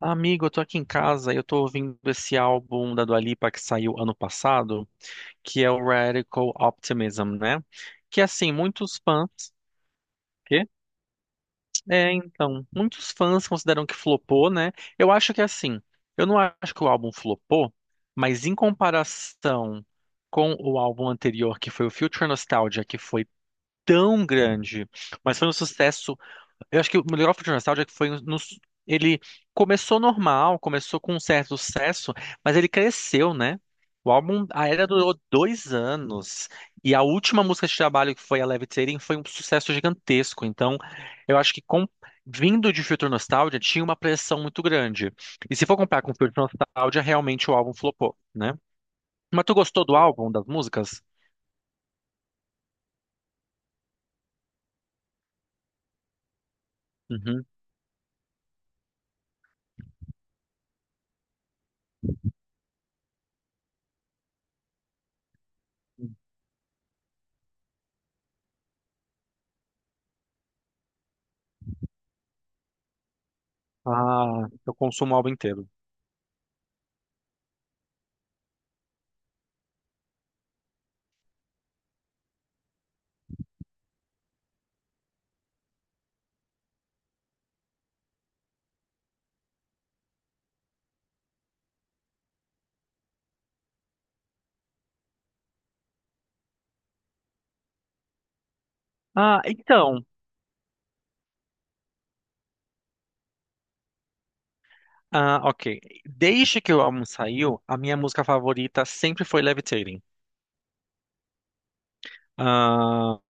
Amigo, eu tô aqui em casa e eu tô ouvindo esse álbum da Dua Lipa que saiu ano passado, que é o Radical Optimism, né? Que assim, muitos fãs. Quê? É, então, muitos fãs consideram que flopou, né? Eu acho que assim, eu não acho que o álbum flopou, mas em comparação com o álbum anterior, que foi o Future Nostalgia, que foi tão grande, mas foi um sucesso. Eu acho que o Melhor Future Nostalgia é que foi ele começou normal, começou com um certo sucesso, mas ele cresceu, né? O álbum, a era durou 2 anos e a última música de trabalho, que foi a Levitating, foi um sucesso gigantesco. Então, eu acho que vindo de Future Nostalgia tinha uma pressão muito grande. E se for comparar com Future Nostalgia, realmente o álbum flopou, né? Mas tu gostou do álbum, das músicas? Uhum. Ah, eu consumo o álbum inteiro. Ah, então. Ah, ok. Desde que o álbum saiu, a minha música favorita sempre foi Levitating. Ah,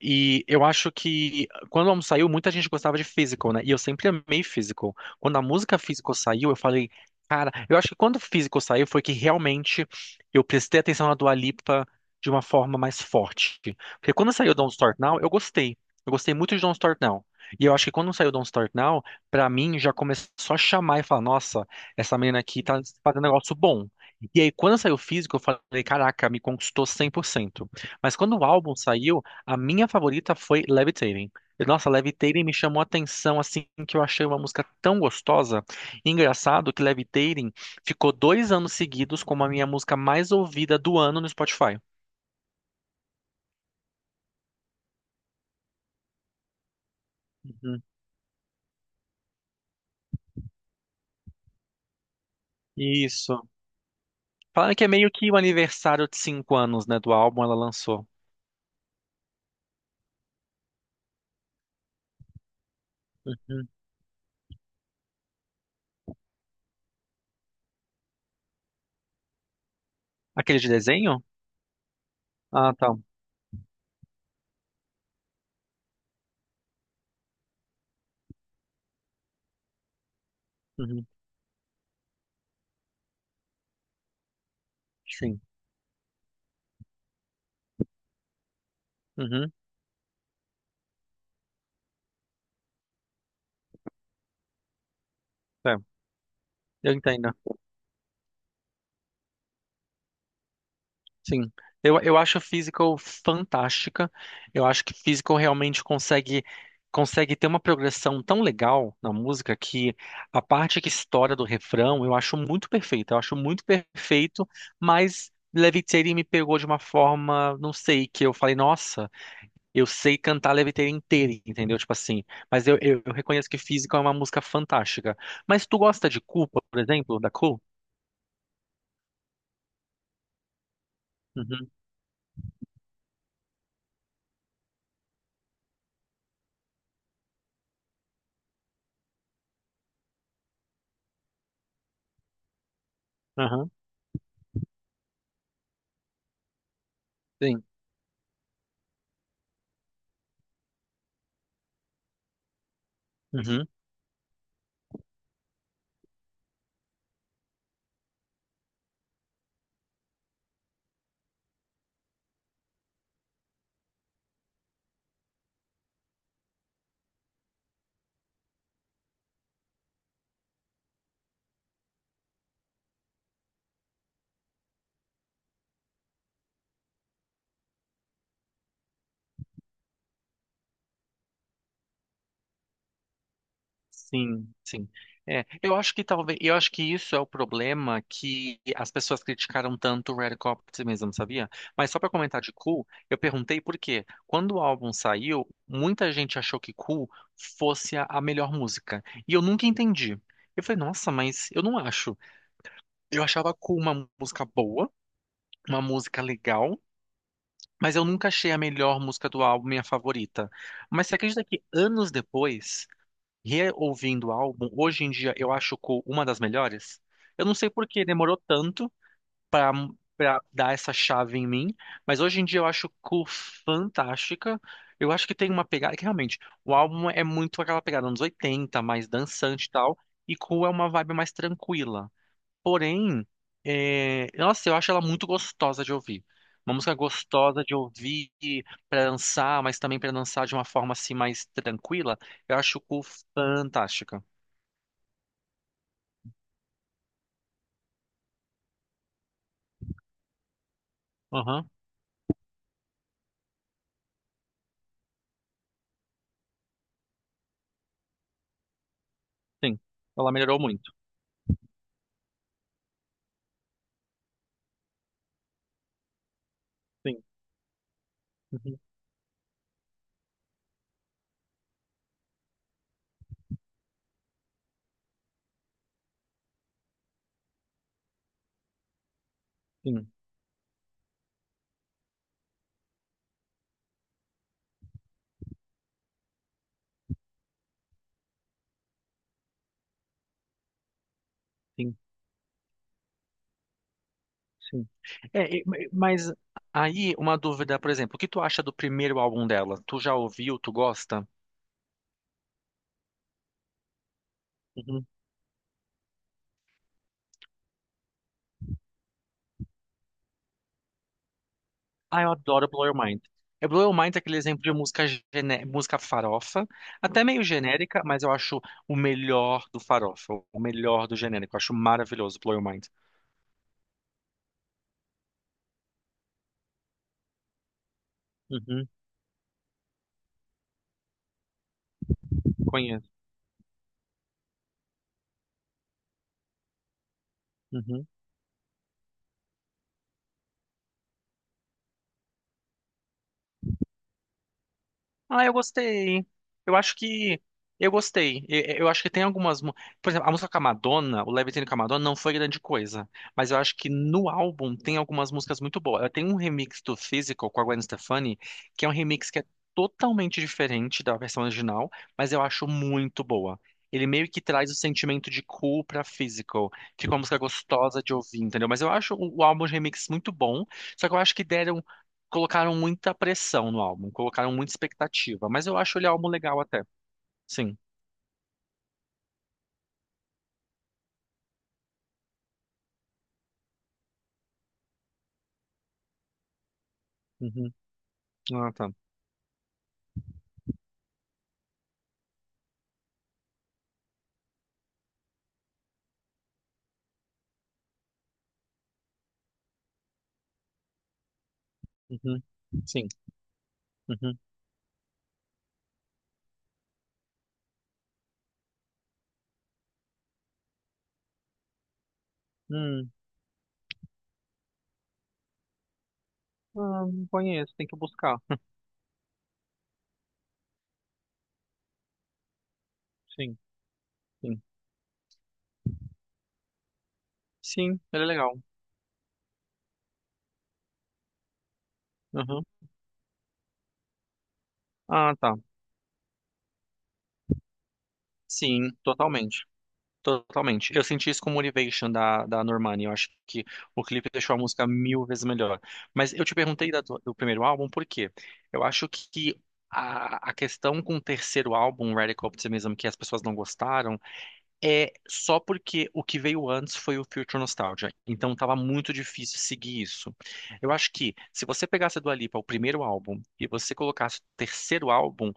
e eu acho que quando o álbum saiu, muita gente gostava de physical, né? E eu sempre amei physical. Quando a música physical saiu, eu falei, cara, eu acho que quando o physical saiu foi que realmente eu prestei atenção na Dua Lipa de uma forma mais forte. Porque quando saiu Don't Start Now, eu gostei. Eu gostei muito de Don't Start Now. E eu acho que quando saiu Don't Start Now, pra mim já começou a chamar e falar, nossa, essa menina aqui tá fazendo um negócio bom. E aí, quando saiu physical eu falei, caraca, me conquistou 100%. Mas quando o álbum saiu, a minha favorita foi Levitating. E, nossa, Levitating me chamou a atenção, assim, que eu achei uma música tão gostosa. E engraçado que Levitating ficou 2 anos seguidos como a minha música mais ouvida do ano no Spotify. Uhum. Isso. Falando que é meio que o aniversário de 5 anos, né, do álbum ela lançou. Uhum. Aquele de desenho? Ah, tá. Uhum. Sim. Uhum. É, eu entendo. Sim, eu acho a Physical fantástica. Eu acho que Physical realmente consegue ter uma progressão tão legal na música, que a parte que estoura do refrão eu acho muito perfeita. Eu acho muito perfeito, mas Levitating me pegou de uma forma, não sei, que eu falei, nossa, eu sei cantar Levitating inteiro, entendeu? Tipo assim, mas eu reconheço que Physical é uma música fantástica. Mas tu gosta de Culpa, por exemplo, da Cool? Uhum, aham, sim. Uhum. Sim, sim. É, eu acho que talvez, eu acho que isso é o problema, que as pessoas criticaram tanto o Radical Optimism, sabia? Mas só pra comentar de Cool, eu perguntei por quê. Quando o álbum saiu, muita gente achou que Cool fosse a melhor música, e eu nunca entendi. Eu falei, nossa, mas eu não acho. Eu achava Cool uma música boa, uma música legal, mas eu nunca achei a melhor música do álbum, minha favorita. Mas você acredita que anos depois, reouvindo o álbum, hoje em dia eu acho Cool uma das melhores. Eu não sei por que demorou tanto pra para dar essa chave em mim, mas hoje em dia eu acho Cool fantástica. Eu acho que tem uma pegada que realmente o álbum é muito aquela pegada anos 80, mais dançante e tal, e Cool é uma vibe mais tranquila. Porém, é, nossa, eu acho ela muito gostosa de ouvir. Uma música gostosa de ouvir para dançar, mas também para dançar de uma forma assim mais tranquila. Eu acho Cu fantástica. Aham, sim. Ela melhorou muito. Sim, uhum, sim, sim, sim. É, mas aí uma dúvida, por exemplo, o que tu acha do primeiro álbum dela? Tu já ouviu? Tu gosta? Ah, eu adoro Blow Your Mind. É, Blow Your Mind é aquele exemplo de música, música farofa, até meio genérica, mas eu acho o melhor do farofa, o melhor do genérico. Eu acho maravilhoso Blow Your Mind. Uhum, conheço. Uhum. Ah, eu gostei. Eu acho que eu gostei. Eu acho que tem algumas, por exemplo, a música com a Madonna, o Levitating com a Madonna não foi grande coisa, mas eu acho que no álbum tem algumas músicas muito boas. Ela tem um remix do Physical com a Gwen Stefani, que é um remix que é totalmente diferente da versão original, mas eu acho muito boa. Ele meio que traz o sentimento de cool pra Physical. Fica uma música gostosa de ouvir, entendeu? Mas eu acho o álbum de remix muito bom, só que eu acho que deram colocaram muita pressão no álbum, colocaram muita expectativa, mas eu acho ele álbum legal até. Sim. Uhum. Ah, tá. Uhum. Sim. Uhum. Hum. Ah, não conheço, tem que buscar. Sim, sim. Sim, ele é legal. Uhum. Ah, tá. Sim, totalmente. Totalmente. Eu senti isso com Motivation da Normani. Eu acho que o clipe deixou a música mil vezes melhor. Mas eu te perguntei da do primeiro álbum por quê? Eu acho que a questão com o terceiro álbum, Radical Optimism, que as pessoas não gostaram, é só porque o que veio antes foi o Future Nostalgia. Então tava muito difícil seguir isso. Eu acho que se você pegasse a Dua Lipa, o primeiro álbum, e você colocasse o terceiro álbum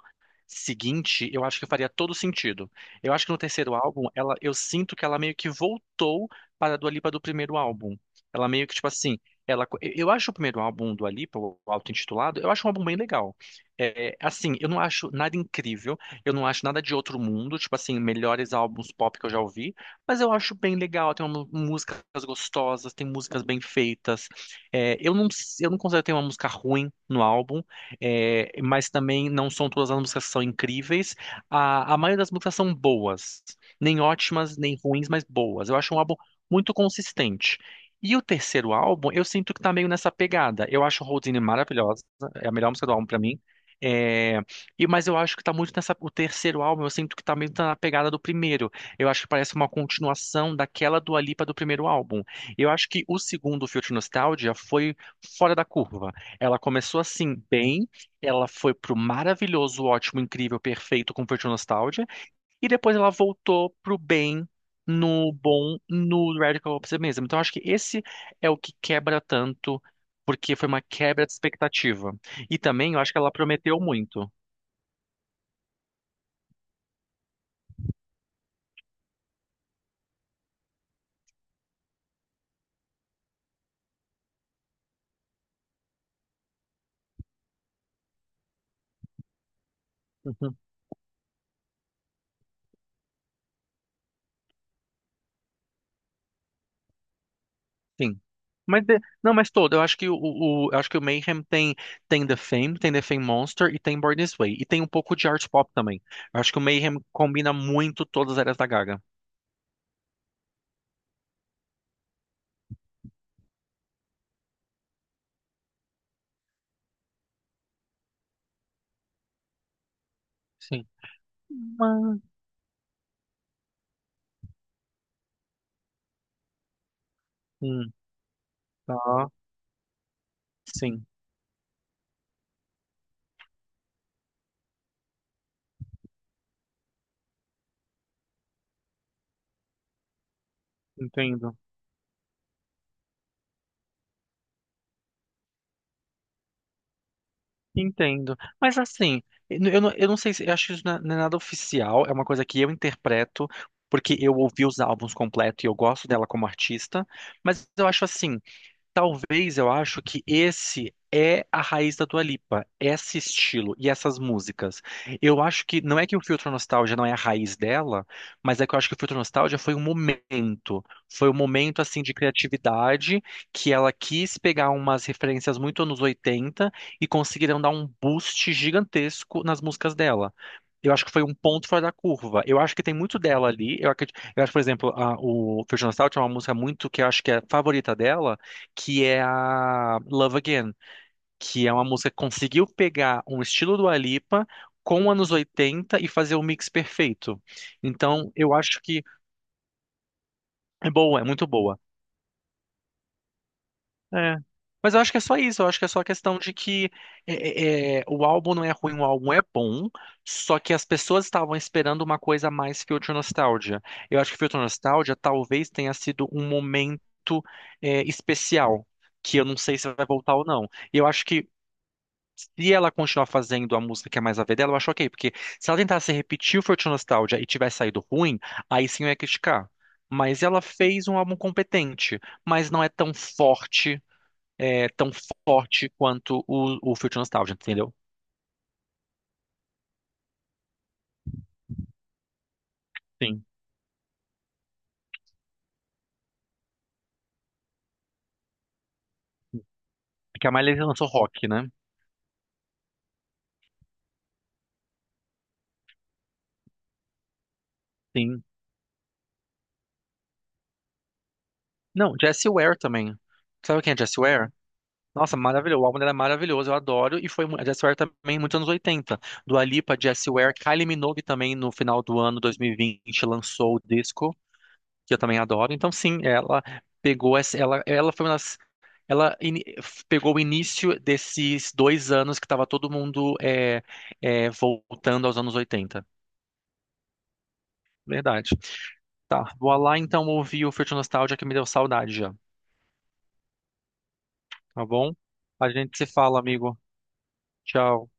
seguinte, eu acho que faria todo sentido. Eu acho que no terceiro álbum, ela, eu sinto que ela meio que voltou para a Dua Lipa do primeiro álbum. Ela meio que, tipo assim, ela, eu acho o primeiro álbum do Dua Lipa, o auto-intitulado, eu acho um álbum bem legal. É, assim, eu não acho nada incrível. Eu não acho nada de outro mundo, tipo assim, melhores álbuns pop que eu já ouvi, mas eu acho bem legal, tem uma, músicas gostosas, tem músicas bem feitas. É, eu não, eu não considero ter uma música ruim no álbum, é, mas também não são todas as músicas que são incríveis. a, maioria das músicas são boas, nem ótimas, nem ruins, mas boas. Eu acho um álbum muito consistente. E o terceiro álbum, eu sinto que tá meio nessa pegada. Eu acho Houdini maravilhosa, é a melhor música do álbum pra mim. É, e, mas eu acho que tá muito nessa. O terceiro álbum, eu sinto que tá meio tá na pegada do primeiro. Eu acho que parece uma continuação daquela Dua Lipa do primeiro álbum. Eu acho que o segundo, Future Nostalgia, foi fora da curva. Ela começou assim, bem, ela foi pro maravilhoso, ótimo, incrível, perfeito com Future Nostalgia, e depois ela voltou pro bem. No bom, no Radical Optimism. Então, eu acho que esse é o que quebra tanto, porque foi uma quebra de expectativa. E também, eu acho que ela prometeu muito. Sim. Mas não, mas todo. Eu acho que eu acho que o Mayhem tem tem The Fame Monster e tem Born This Way e tem um pouco de art pop também. Eu acho que o Mayhem combina muito todas as áreas da Gaga. Sim. Hum, tá. Sim. Entendo. Entendo. Mas assim, eu não sei, se eu acho que isso não é nada oficial, é uma coisa que eu interpreto porque eu ouvi os álbuns completos e eu gosto dela como artista, mas eu acho assim, talvez eu acho que esse é a raiz da Dua Lipa, esse estilo e essas músicas. Eu acho que não é que o Filtro Nostalgia não é a raiz dela, mas é que eu acho que o Filtro Nostalgia foi um momento assim de criatividade que ela quis pegar umas referências muito anos 80 e conseguiram dar um boost gigantesco nas músicas dela. Eu acho que foi um ponto fora da curva. Eu acho que tem muito dela ali. Eu acredito, eu acho, por exemplo, a, o Filtro Nostalgia é uma música muito que eu acho que é a favorita dela, que é a Love Again, que é uma música que conseguiu pegar um estilo do Alipa com anos 80 e fazer um mix perfeito. Então, eu acho que é boa, é muito boa. É. Mas eu acho que é só isso, eu acho que é só a questão de que o álbum não é ruim, o álbum é bom, só que as pessoas estavam esperando uma coisa a mais que Future Nostalgia. Eu acho que Future Nostalgia talvez tenha sido um momento é, especial, que eu não sei se vai voltar ou não. E eu acho que se ela continuar fazendo a música que é mais a ver dela, eu acho ok, porque se ela tentasse repetir o Forte Nostalgia e tivesse saído ruim, aí sim eu ia criticar. Mas ela fez um álbum competente, mas não é tão forte, é, tão forte quanto o Forte Nostalgia, entendeu? Sim. Porque a Miley lançou rock, né? Sim. Não, Jessie Ware também. Sabe quem é Jessie Ware? Nossa, maravilhoso. O álbum era maravilhoso, eu adoro. E foi mu- a Jessie Ware também, muitos anos 80. Dua Lipa, Jessie Ware, Kylie Minogue também, no final do ano 2020, lançou o disco, que eu também adoro. Então, sim, ela pegou essa. Ela foi uma das. Ela ini- f- pegou o início desses 2 anos que estava todo mundo é, é, voltando aos anos 80. Verdade. Tá, vou lá então ouvir o Future Nostalgia que me deu saudade já, tá bom? A gente se fala, amigo. Tchau.